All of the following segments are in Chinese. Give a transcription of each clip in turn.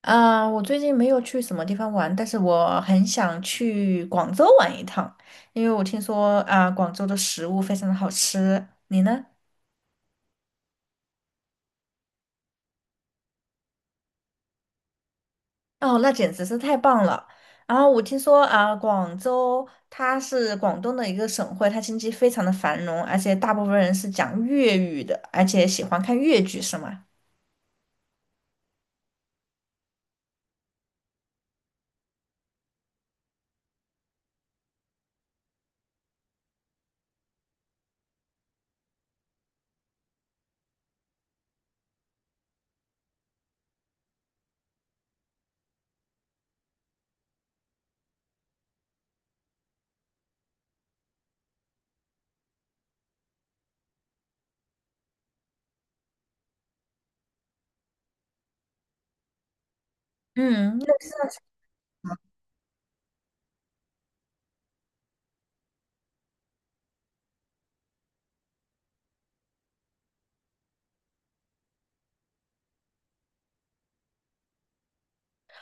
啊，我最近没有去什么地方玩，但是我很想去广州玩一趟，因为我听说啊，广州的食物非常的好吃。你呢？哦，那简直是太棒了。然后我听说啊，广州它是广东的一个省会，它经济非常的繁荣，而且大部分人是讲粤语的，而且喜欢看粤剧，是吗？嗯，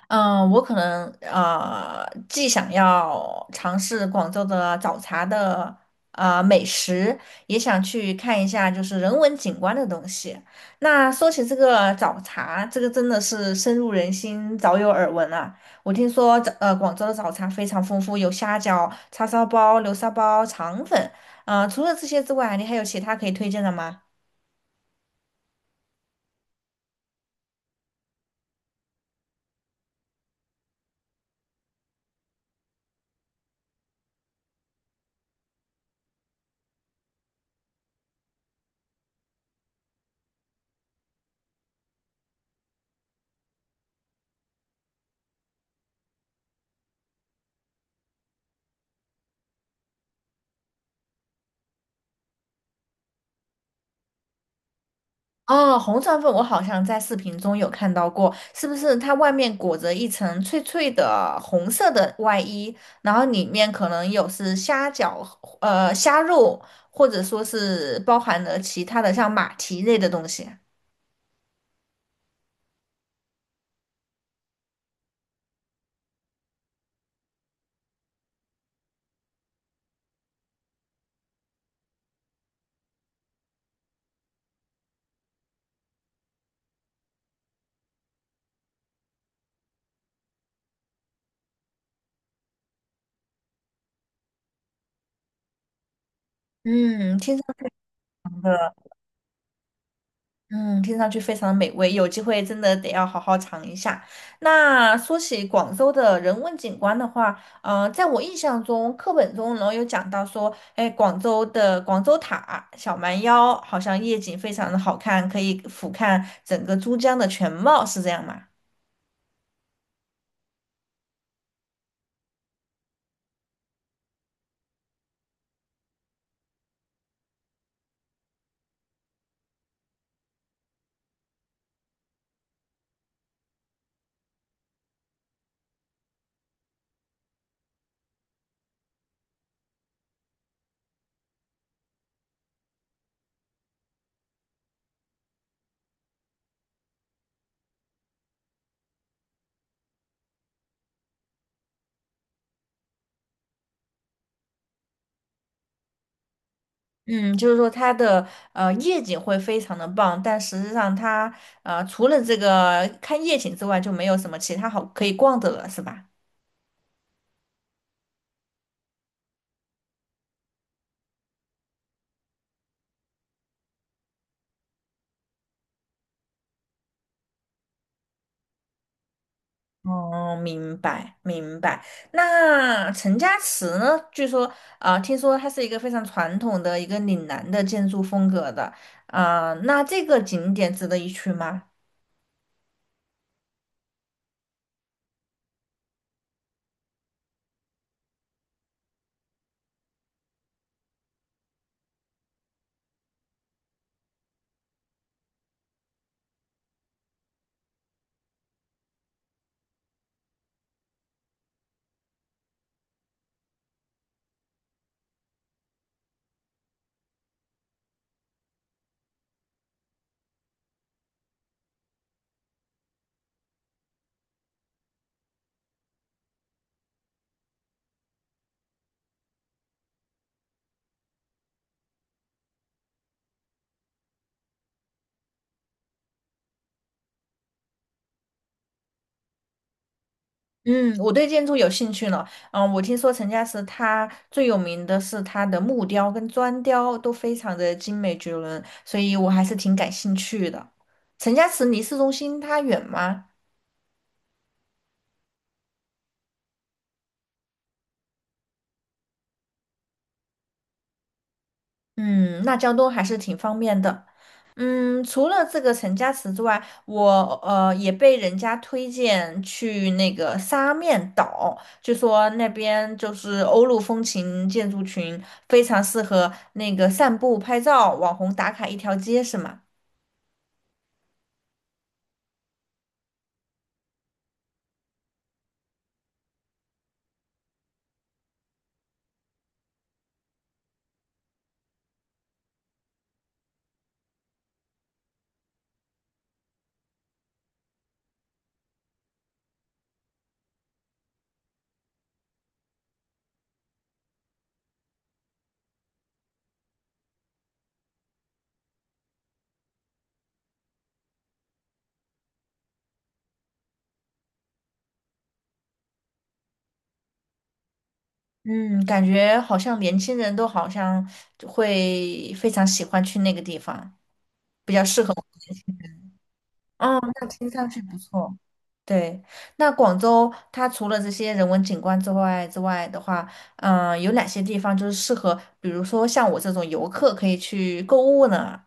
嗯，我可能既想要尝试广州的早茶的美食，也想去看一下就是人文景观的东西。那说起这个早茶，这个真的是深入人心，早有耳闻啊。我听说广州的早茶非常丰富，有虾饺、叉烧包、流沙包、肠粉。除了这些之外，你还有其他可以推荐的吗？哦，红肠粉我好像在视频中有看到过，是不是它外面裹着一层脆脆的红色的外衣，然后里面可能有是虾饺、虾肉，或者说是包含了其他的像马蹄类的东西。嗯，听上去嗯，听上去非常美味，有机会真的得要好好尝一下。那说起广州的人文景观的话，呃，在我印象中，课本中呢有讲到说，哎，广州的广州塔、小蛮腰好像夜景非常的好看，可以俯瞰整个珠江的全貌，是这样吗？嗯，就是说它的夜景会非常的棒，但实际上它除了这个看夜景之外，就没有什么其他好可以逛的了，是吧？哦，明白明白。那陈家祠呢？据说听说它是一个非常传统的一个岭南的建筑风格的那这个景点值得一去吗？嗯，我对建筑有兴趣呢。嗯、我听说陈家祠它最有名的是它的木雕跟砖雕都非常的精美绝伦，所以我还是挺感兴趣的。陈家祠离市中心它远吗？嗯，那交通还是挺方便的。嗯，除了这个陈家祠之外，我也被人家推荐去那个沙面岛，就说那边就是欧陆风情建筑群，非常适合那个散步、拍照、网红打卡一条街，是吗？嗯，感觉好像年轻人都好像会非常喜欢去那个地方，比较适合我。哦，那听上去不错。对，那广州它除了这些人文景观之外之外的话，嗯、有哪些地方就是适合，比如说像我这种游客可以去购物呢？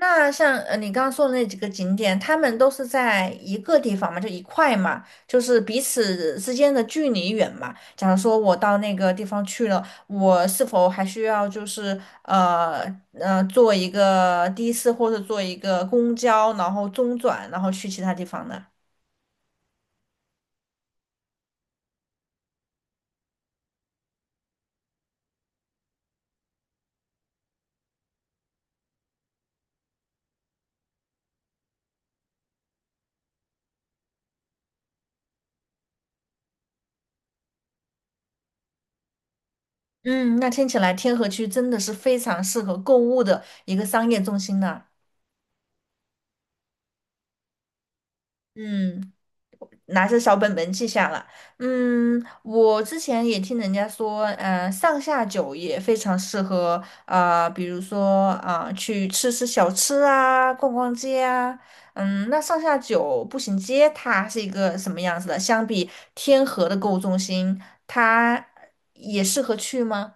那像你刚刚说的那几个景点，他们都是在一个地方嘛，就一块嘛，就是彼此之间的距离远嘛。假如说我到那个地方去了，我是否还需要就是坐一个的士或者坐一个公交，然后中转，然后去其他地方呢？嗯，那听起来天河区真的是非常适合购物的一个商业中心呢。嗯，拿着小本本记下了。嗯，我之前也听人家说，呃，上下九也非常适合，呃，比如说去吃吃小吃啊，逛逛街啊。嗯，那上下九步行街它是一个什么样子的？相比天河的购物中心，它也适合去吗？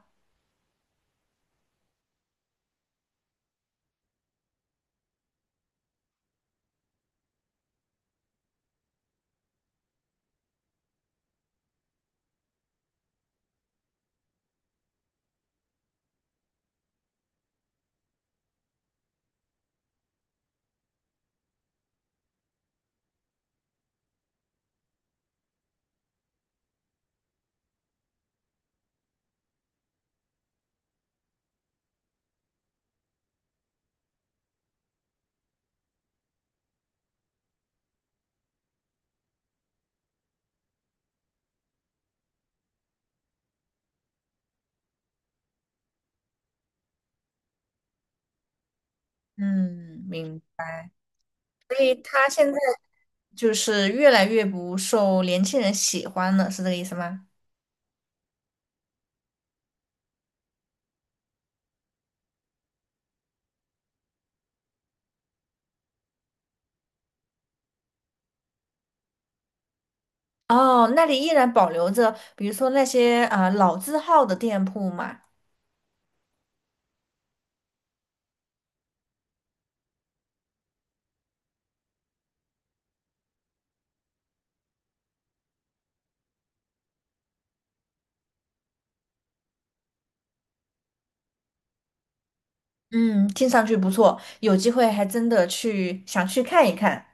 嗯，明。所以它现在。就是越来越不受年轻人喜欢了，是这个意思吗？哦，那里依然保留着，比如说那些老字号的店铺嘛。嗯，听上去不错，有机会还真的去想去看一看。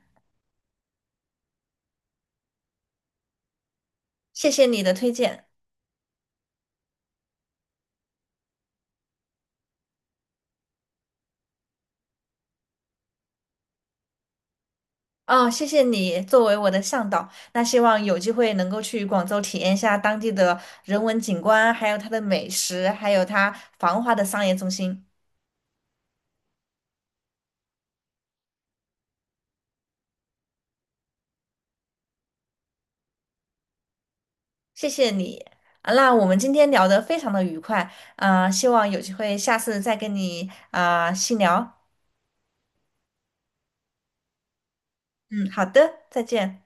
谢谢你的推荐。哦，谢谢你作为我的向导。那希望有机会能够去广州体验一下当地的人文景观，还有它的美食，还有它繁华的商业中心。谢谢你。啊，那我们今天聊得非常的愉快，啊、希望有机会下次再跟你啊、细聊。嗯，好的，再见。